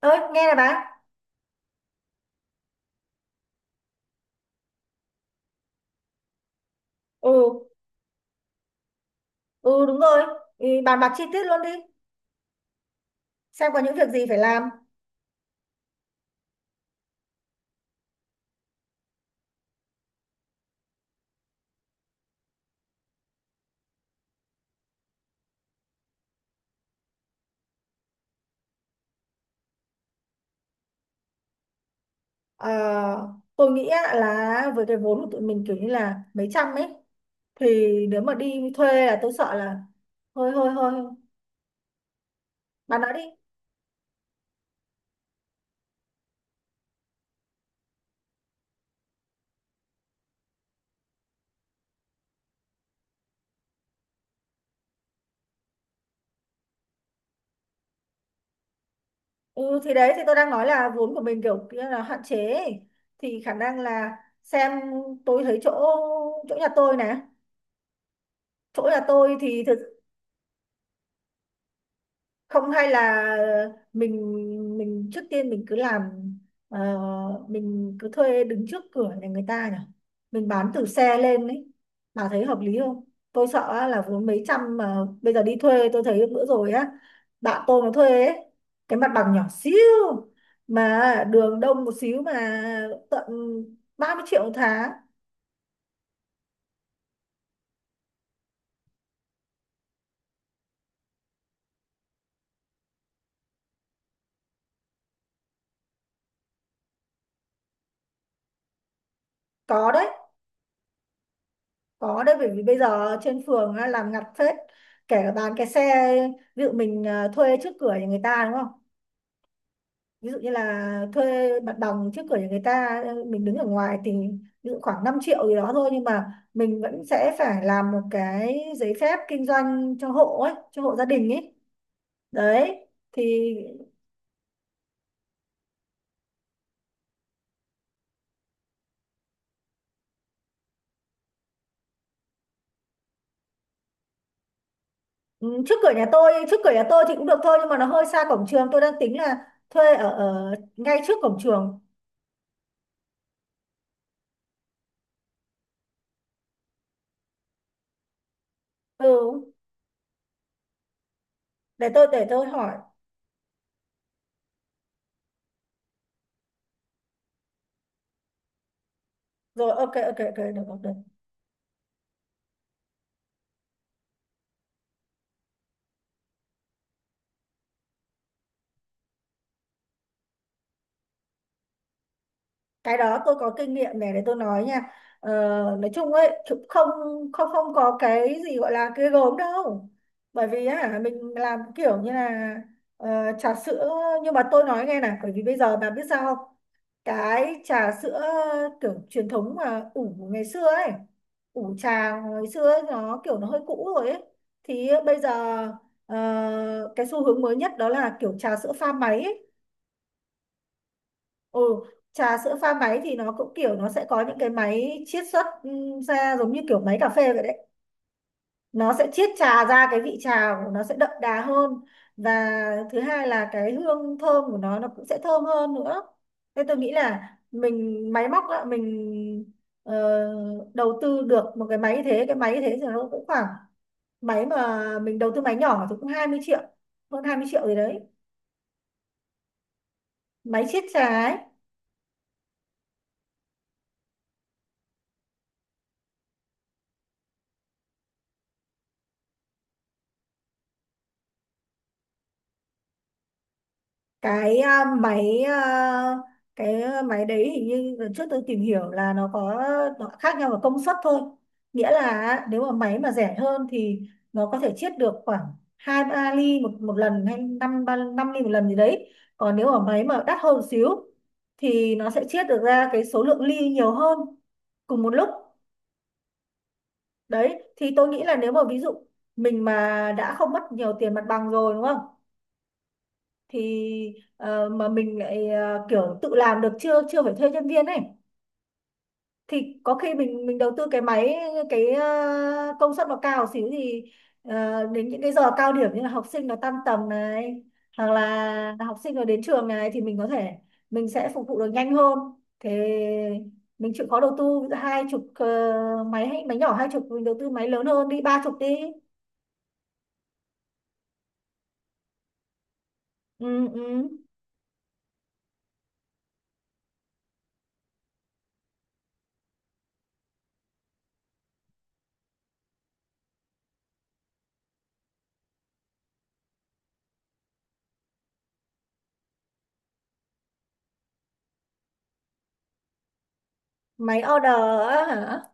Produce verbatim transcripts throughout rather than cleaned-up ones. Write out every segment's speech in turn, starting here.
Ơi nghe này bà. Ừ. ừ đúng rồi Ừ, bàn bạc chi tiết luôn đi, xem có những việc gì phải làm. Ờ, tôi nghĩ á, là với cái vốn của tụi mình kiểu như là mấy trăm ấy, thì nếu mà đi thuê là tôi sợ là hơi hơi hơi. Bà nói đi. Ừ thì đấy, thì tôi đang nói là vốn của mình kiểu kia là hạn chế ấy. Thì khả năng là xem, tôi thấy chỗ, chỗ nhà tôi này chỗ nhà tôi thì thực, không hay là mình, mình trước tiên mình cứ làm, ờ, mình cứ thuê đứng trước cửa nhà người ta nhỉ, mình bán từ xe lên ấy. Bà thấy hợp lý không? Tôi sợ á, là vốn mấy trăm, mà bây giờ đi thuê tôi thấy bữa rồi á, bạn tôi nó thuê ấy, cái mặt bằng nhỏ xíu mà đường đông một xíu mà tận ba mươi triệu một tháng. Có đấy. Có đấy, bởi vì bây giờ trên phường á, làm ngặt phết, kể cả bán cái xe. Ví dụ mình à, thuê trước cửa nhà người ta đúng không, ví dụ như là thuê mặt bằng trước cửa nhà người ta mình đứng ở ngoài thì ví dụ khoảng năm triệu gì đó thôi, nhưng mà mình vẫn sẽ phải làm một cái giấy phép kinh doanh cho hộ ấy, cho hộ gia đình ấy. Đấy. Thì ừ, trước cửa nhà tôi trước cửa nhà tôi thì cũng được thôi, nhưng mà nó hơi xa cổng trường, tôi đang tính là thuê ở, ở ngay trước cổng trường. Ừ để tôi để tôi hỏi. Rồi ok ok ok, được được được. Cái đó tôi có kinh nghiệm này, để tôi nói nha. Ờ, nói chung ấy cũng không, không không có cái gì gọi là ghê gớm đâu. Bởi vì á mình làm kiểu như là ờ, trà sữa, nhưng mà tôi nói nghe này, bởi vì bây giờ bà biết sao không? Cái trà sữa kiểu truyền thống mà ủ ngày xưa ấy, ủ trà ngày xưa ấy, nó kiểu nó hơi cũ rồi ấy. Thì bây giờ ờ, cái xu hướng mới nhất đó là kiểu trà sữa pha máy ấy. Ừ, trà sữa pha máy thì nó cũng kiểu nó sẽ có những cái máy chiết xuất ừ, ra giống như kiểu máy cà phê vậy đấy, nó sẽ chiết trà ra, cái vị trà của nó sẽ đậm đà hơn, và thứ hai là cái hương thơm của nó nó cũng sẽ thơm hơn nữa. Thế tôi nghĩ là mình máy móc á, mình ờ, đầu tư được một cái máy như thế, cái máy như thế thì nó cũng khoảng, máy mà mình đầu tư máy nhỏ thì cũng hai mươi triệu, hơn hai mươi triệu gì đấy, máy chiết trà ấy. cái à, máy à, cái máy đấy hình như lần trước tôi tìm hiểu là nó có, nó khác nhau về công suất thôi. Nghĩa là nếu mà máy mà rẻ hơn thì nó có thể chiết được khoảng hai ba ly một một lần, hay năm ba năm ly một lần gì đấy. Còn nếu mà máy mà đắt hơn một xíu thì nó sẽ chiết được ra cái số lượng ly nhiều hơn cùng một lúc. Đấy, thì tôi nghĩ là nếu mà ví dụ mình mà đã không mất nhiều tiền mặt bằng rồi đúng không, thì ờ, mà mình lại ờ, kiểu tự làm được, chưa chưa phải thuê nhân viên ấy, thì có khi mình mình đầu tư cái máy cái ờ, công suất nó cao xíu thì ờ, đến những cái giờ cao điểm như là học sinh nó tan tầm này, hoặc là học sinh nó đến trường này, thì mình có thể, mình sẽ phục vụ được nhanh hơn. Thế mình chịu khó đầu tư hai chục, ờ, máy hay máy nhỏ hai chục, mình đầu tư máy lớn hơn đi, ba chục đi. ừ, ừ. Máy order á hả?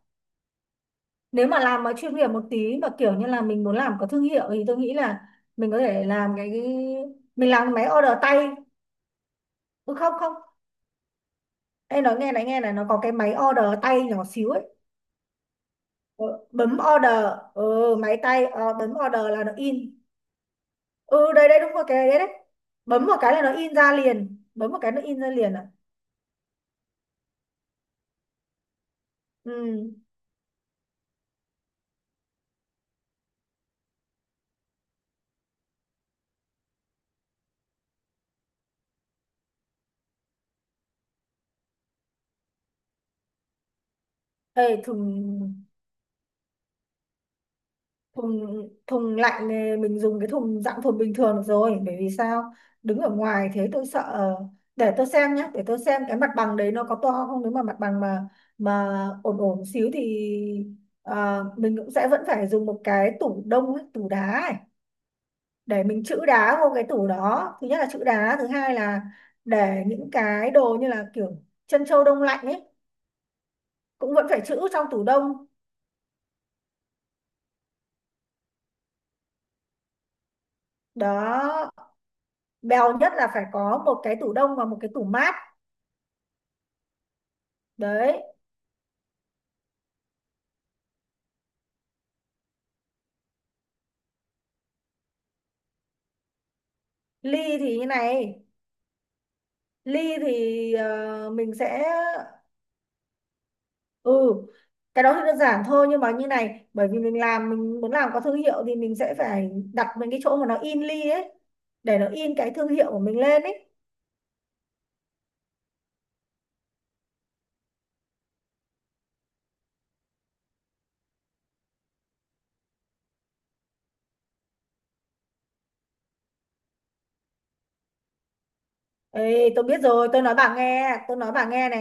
Nếu mà làm mà chuyên nghiệp một tí, mà kiểu như là mình muốn làm có thương hiệu, thì tôi nghĩ là mình có thể làm cái cái... mình làm máy order tay. Ừ, không không em nói nghe này, nghe này, nó có cái máy order tay nhỏ xíu ấy. Ờ, bấm order. Ừ, máy tay ờ, bấm order là nó in. Ừ đây đây đúng rồi, cái đấy đấy. Bấm một cái là nó in ra liền, bấm một cái nó in ra liền à. Ừ. Ê, thùng, thùng thùng lạnh này mình dùng cái thùng dạng thùng bình thường được rồi, bởi vì sao, đứng ở ngoài. Thế tôi sợ ờ, để tôi xem nhé, để tôi xem cái mặt bằng đấy nó có to không. Nếu mà mặt bằng mà mà ổn ổn xíu thì ờ, mình cũng sẽ vẫn phải dùng một cái tủ đông ấy, tủ đá ấy, để mình trữ đá vô cái tủ đó. Thứ nhất là trữ đá, thứ hai là để những cái đồ như là kiểu chân trâu đông lạnh ấy, cũng vẫn phải trữ trong tủ đông. Đó, bèo nhất là phải có một cái tủ đông và một cái tủ mát. Đấy. Ly thì như này, ly thì ờ, mình sẽ, ừ, cái đó thì đơn giản thôi, nhưng mà như này, bởi vì mình làm mình muốn làm có thương hiệu thì mình sẽ phải đặt mình cái chỗ mà nó in ly ấy, để nó in cái thương hiệu của mình lên ấy. Ê, tôi biết rồi, tôi nói bà nghe tôi nói bà nghe nè,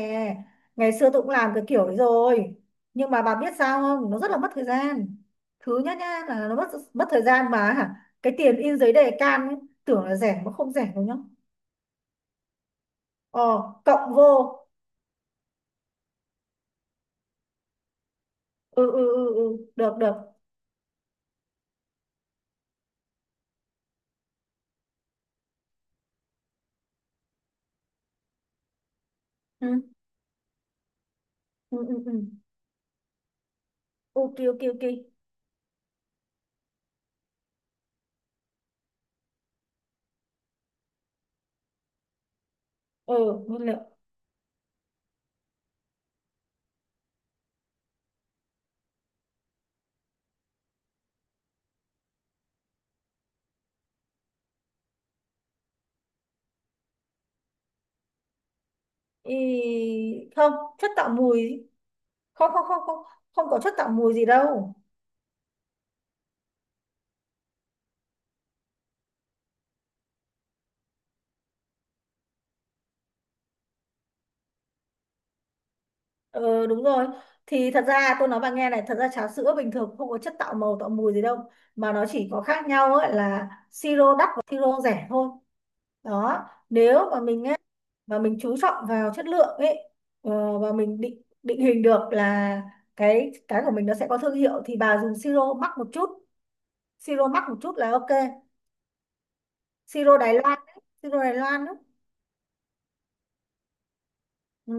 ngày xưa tôi cũng làm cái kiểu đấy rồi, nhưng mà bà biết sao không, nó rất là mất thời gian. Thứ nhất nhá là nó mất, mất thời gian mà hả, cái tiền in giấy đề can ấy, tưởng là rẻ mà không rẻ đâu nhá. Ờ, cộng vô. Ừ, ừ, ừ, ừ. Được, được. Ừ, ừ, ừ. ừ. Ok, ok, ok. Ừ, nguyên liệu. Ý... Không, chất tạo mùi. Không, không, không, không. Không có chất tạo mùi gì đâu. Ờ, đúng rồi. Thì thật ra tôi nói bạn nghe này, thật ra trà sữa bình thường không có chất tạo màu, tạo mùi gì đâu. Mà nó chỉ có khác nhau ấy là siro đắt và siro rẻ thôi. Đó. Nếu mà mình, và mình chú trọng vào chất lượng ấy, ờ, và mình định định hình được là cái cái của mình nó sẽ có thương hiệu, thì bà dùng siro mắc một chút, siro mắc một chút là ok. Siro Đài Loan ấy, siro Đài Loan ấy. Ừ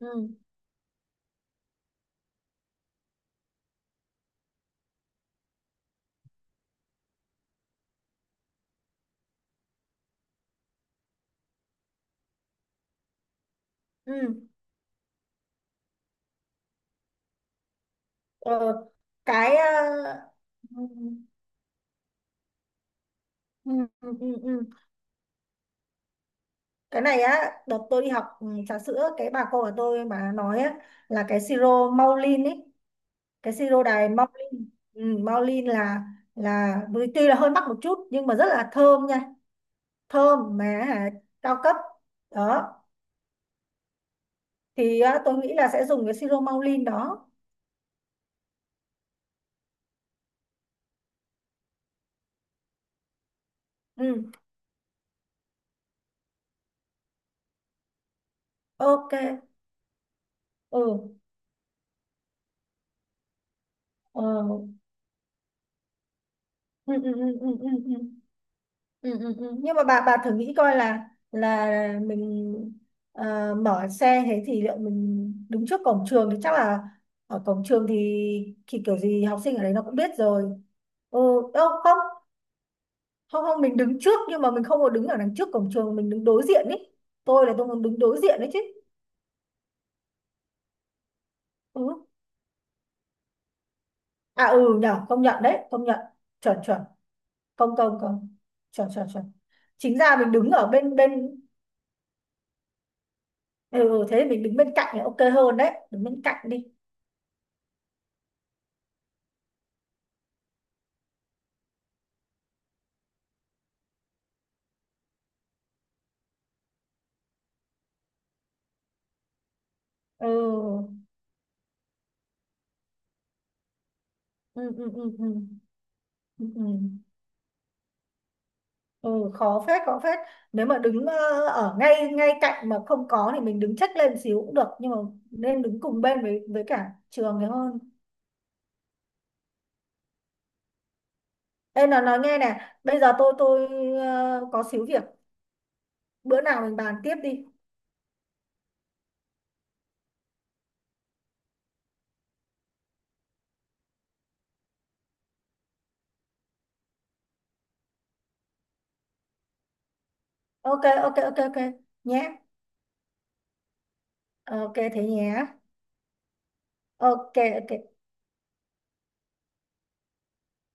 ừ ừ ờ, cái ờ, ừ, ừ, ừ, ừ, ừ. Cái này á, đợt tôi đi học ừ, trà sữa, cái bà cô của tôi bà nói á, là cái siro Maulin ấy, cái siro Đài Maulin, ừ, Maulin là là tuy là hơi mắc một chút nhưng mà rất là thơm nha, thơm mà cao cấp. Đó, thì á, tôi nghĩ là sẽ dùng cái siro maulin đó. Ừ. Ok. ừ ờ, ừ ừ ừ ừ ừ ừ ừ ừ ừ. Nhưng mà bà bà thử nghĩ coi là là mình ờ, mở xe thế, thì liệu mình đứng trước cổng trường thì chắc là, ở cổng trường thì thì kiểu gì học sinh ở đấy nó cũng biết rồi. Ừ. Đâu không, không không mình đứng trước nhưng mà mình không có đứng ở đằng trước cổng trường, mình đứng đối diện ý. Tôi là tôi muốn đứng đối diện đấy chứ. Ừ. À ừ nhở, công nhận đấy, công nhận, chuẩn chuẩn. Công công công chuẩn chuẩn chuẩn. Chính ra mình đứng ở bên bên, ừ, thế thì mình đứng bên cạnh thì ok hơn đấy, đứng bên cạnh đi. ừ ừ ừ ừ ừ, ừ. ừ. Ừ, khó phết, khó phết. Nếu mà đứng ờ, ở ngay ngay cạnh mà không có thì mình đứng chếch lên xíu cũng được, nhưng mà nên đứng cùng bên với với cả trường thì hơn. Ê nó nói nghe nè, bây giờ tôi tôi ờ, có xíu việc, bữa nào mình bàn tiếp đi. Ok ok ok ok. Nhé. Ok thế nhé. Ok ok.